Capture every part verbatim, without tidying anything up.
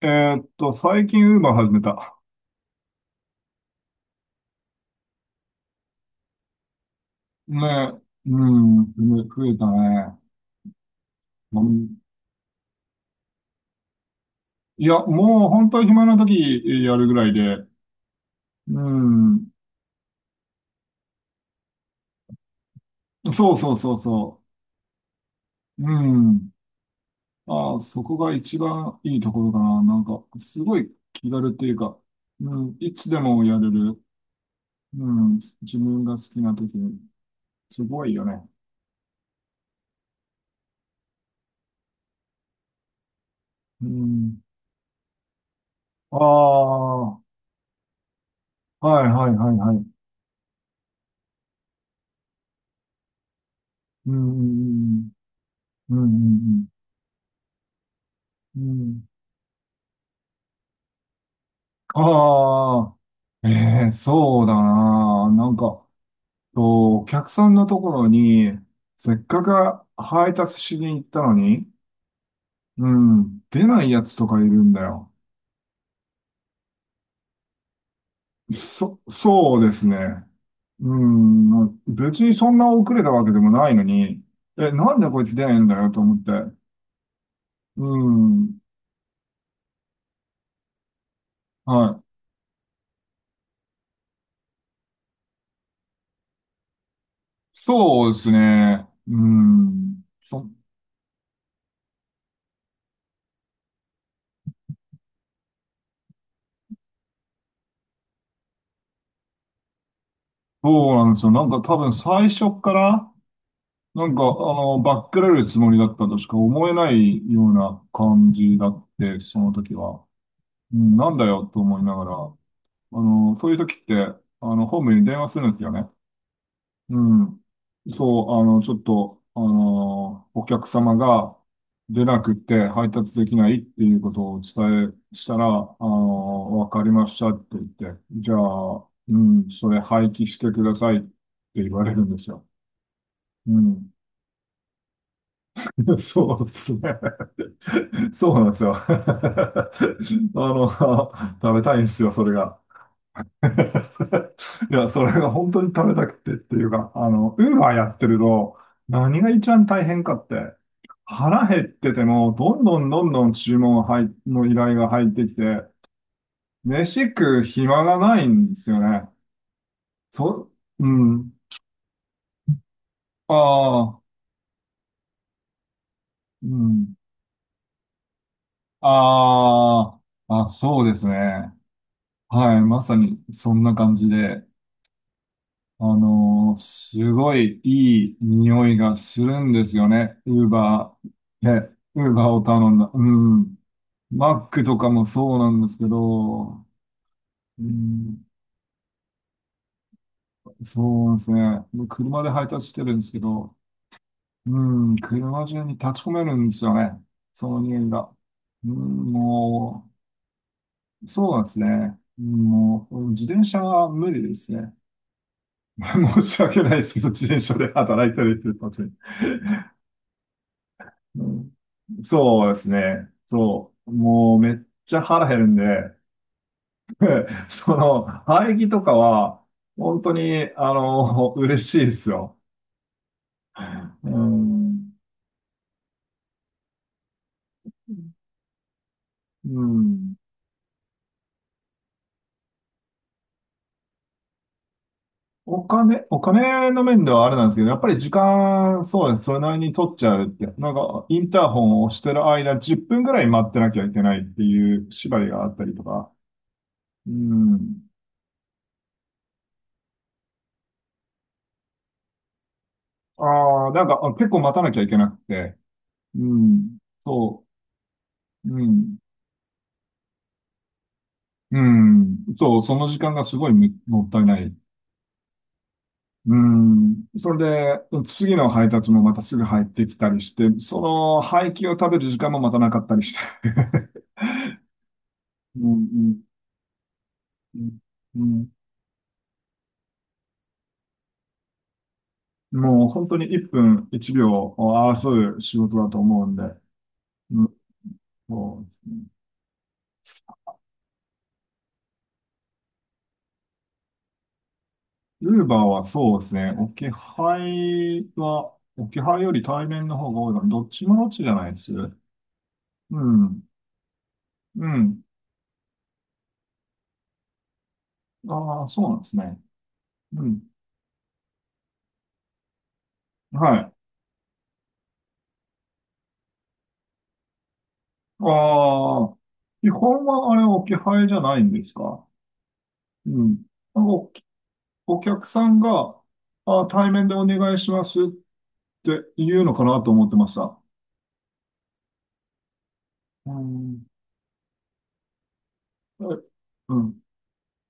えーっと、最近ウーバー始めた。ね、うん、ね増えたね。うんいや、もう本当に暇な時やるぐらいで、うん、そうそうそうそう、うん。あー、そこが一番いいところかな。なんか、すごい気軽っていうか、うん、いつでもやれる。うん、自分が好きな時に、すごいよね。うん。ああ、はいはいはいはい。うん、うん、うん、うん、うん。うんうんああ、ええそうだな。なんか、とお客さんのところに、せっかく配達しに行ったのに、うん、出ないやつとかいるんだよ。そ、そうですね。うん、まあ別にそんな遅れたわけでもないのに、え、なんでこいつ出ないんだよと思って。うん、はい。そうですね。うん、そ、そうなんですよ。なんか多分最初っから、なんか、あの、バックられるつもりだったとしか思えないような感じだって、その時は。うん、なんだよと思いながら、あの、そういう時って、あの、ホームに電話するんですよね。うん。そう、あの、ちょっと、あの、お客様が出なくて配達できないっていうことを伝え、したら、あの、わかりましたって言って、じゃあ、うん、それ廃棄してくださいって言われるんですよ。うん。そうですね。そうなんですよ。あの、食べたいんですよ、それが。いや、それが本当に食べたくてっていうか、あの、ウーバーやってると、何が一番大変かって、腹減ってても、どんどんどんどん注文が入の依頼が入ってきて、飯食う暇がないんですよね。そ、うん。ああ、うん。ああ、あ、そうですね。はい、まさにそんな感じで。あのーすごいいい匂いがするんですよね。ウーバー、え、ウーバーを頼んだ。うん。マックとかもそうなんですけど、うん、そうなんですね。僕車で配達してるんですけど、うん、車中に立ち込めるんですよね。その匂いが。うん、もう、そうなんですね。もう、自転車は無理ですね。申し訳ないですけど、自転車で働いたりっていうことそうですね。そう。もうめっちゃ腹減るんで、その、排気とかは、本当に、あの、嬉しいですよ。うん。うん。お金、お金の面ではあれなんですけど、やっぱり時間、そうです。それなりに取っちゃうって。なんか、インターホンを押してる間、じゅっぷんぐらい待ってなきゃいけないっていう縛りがあったりとか。うん。ああ、なんか、あ結構待たなきゃいけなくて。うん。そう。うん。うん。そう、その時間がすごいむもったいない。うん。それで、次の配達もまたすぐ入ってきたりして、その廃棄を食べる時間もまたなかったりして。うんうんうんうんもう本当にいっぷんいちびょうを争う仕事だと思うんで。うん、そうですね。ウーバーはそうですね。置き配は、置き配より対面の方が多いから、どっちもどっちじゃないです。うん。うん。ああ、そうなんですね。うん。はい。ああ、基本はあれ置き配じゃないんですか？うん。なんかお、お客さんが、あ、対面でお願いしますって言うのかなと思ってました。うん。えうん。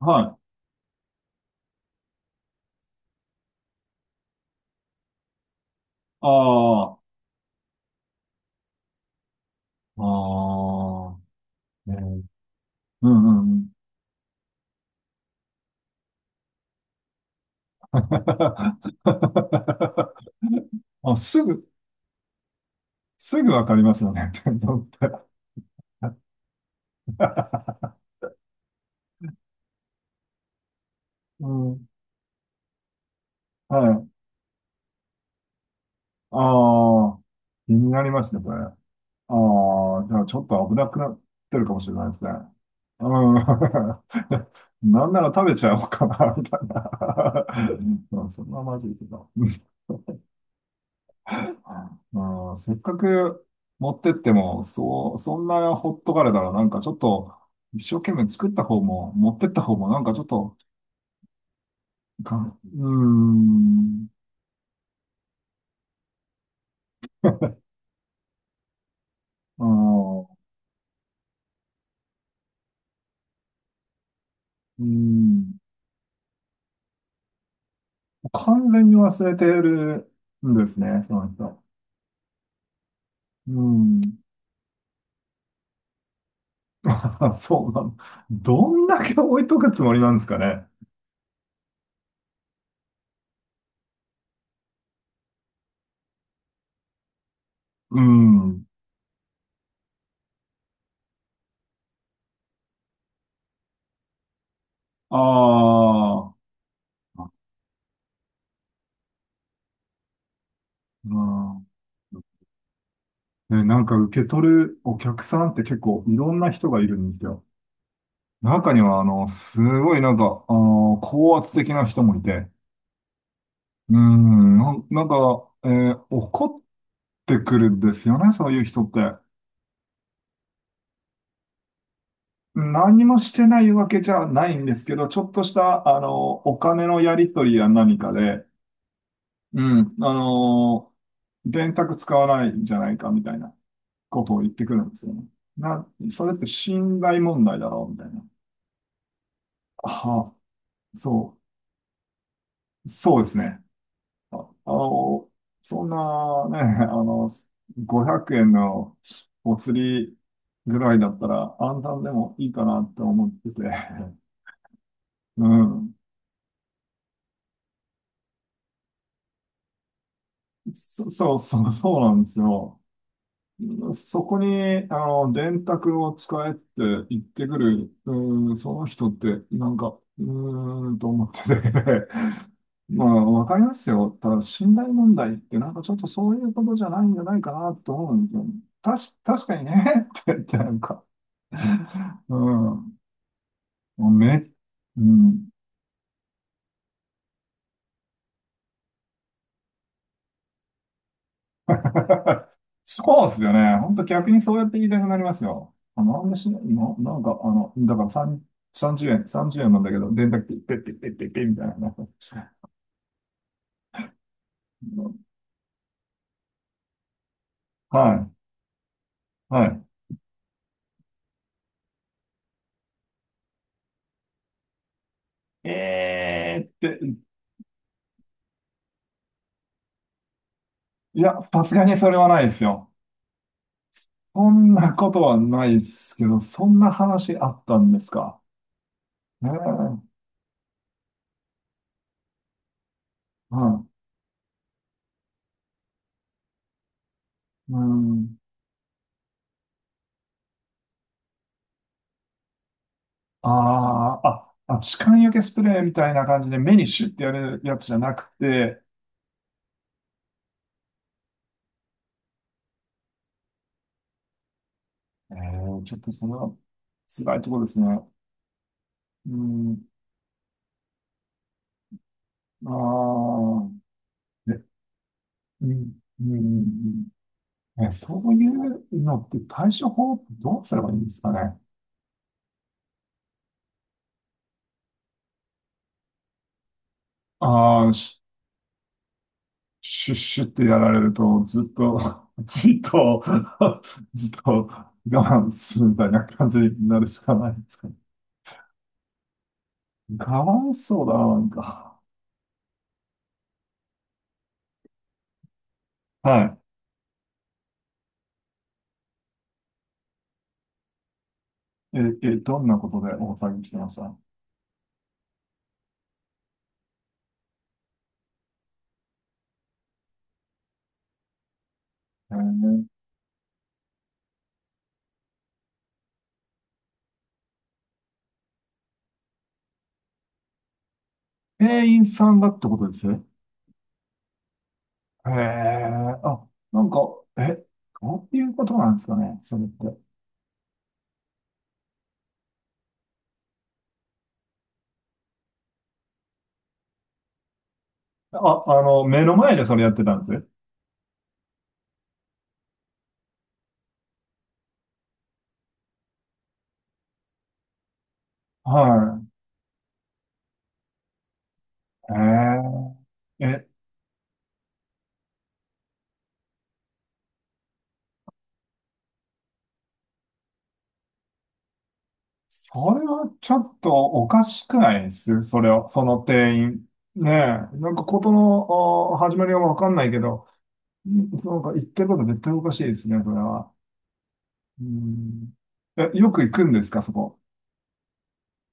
はい。ああ、ああ、ね、うんうんうん。あ、すぐ、すぐわかりますよね。うん。はい。ああ、気になりますね、これ。ああ、じゃあちょっと危なくなってるかもしれないですね。うん。なんなら食べちゃおうかな、みたいな。うんそんなまずいけど。うん、せっかく持ってっても、そう、そんなほっとかれたら、なんかちょっと、一生懸命作った方も、持ってった方も、なんかちょっと、か、うーん、あーうーん、完全に忘れてるんですね、その人。うーんあ、そうなの。どんだけ置いとくつもりなんですかね。うん。ああ、うんね、なんか受け取るお客さんって結構いろんな人がいるんですよ。中には、あの、すごいなんか、あの、高圧的な人もいて、うん、な、なんか、えー怒ってくるんですよね、そういう人って。何もしてないわけじゃないんですけど、ちょっとした、あの、お金のやり取りや何かで、うん、あのー電卓使わないんじゃないかみたいなことを言ってくるんですよね。な、それって信頼問題だろうみたいな。はあ、そう、そうですね。あ、あの、そんなね、あの、ごひゃくえんのお釣りぐらいだったら暗算でもいいかなって思ってて。うん。そ、そうそう、そうなんですよ。そこに、あの、電卓を使えって言ってくる、うーん、その人って、なんか、うーん、と思ってて まあ、わかりますよ。ただ、信頼問題って、なんかちょっとそういうことじゃないんじゃないかなと思うんですよねたし、確かにね って言って、なんか、うん、もうめ、うん、そうですよね。本当逆にそうやって言いたくなりますよ。あ、なんでしないのなんか、あの、だからさん、さんじゅうえん、さんじゅうえんなんだけど、電卓っペッペッペッペッペッみたいな。はい、はい。えーって、いや、さすがにそれはないですよ。そんなことはないですけど、そんな話あったんですか？ええはい。うん。あーあ、あ、痴漢除けスプレーみたいな感じで目にシュッてやるやつじゃなくて、えー、ちょっとそれは辛いところですね。うん、ああ、え、うん、うん、うんうんえ、そういうのって対処法どうすればいいんですかね？ああ、シュッシュッってやられると、ずっと、じっと、じっと我慢するみたいな感じになるしかないんですかね。かわいそうだな、なんか。はい。え、え、どんなことで大騒ぎしてました？えー、店員さんがってことですへえ、あ、なんか、え、どういうことなんですかね、それって？あ、あの、目の前でそれやってたんです。はい。へえ、え、それはちょっとおかしくないですそれを、その店員。ねえ、なんかことの、あ始まりはわかんないけど、んなんか言ってること絶対おかしいですね、それは。うん。え、よく行くんですか、そこ？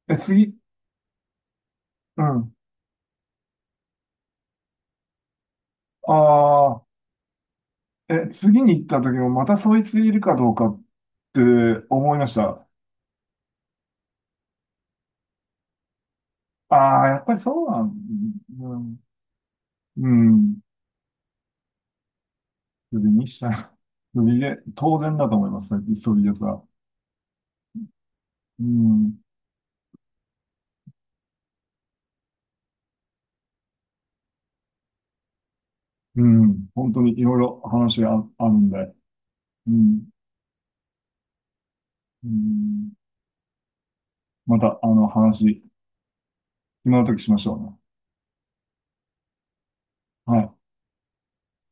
え、次。うん。ああ、え、次に行った時もまたそいついるかどうかって思いました。ああ、やっぱりそうなん、うん、うん、クビにしたら、クビで、当然だと思いますね、そういうやつは。うん、うん、本当にいろいろ話があ、あるんで、うん、うん、また、あの、話、今の時しましょうね。はい。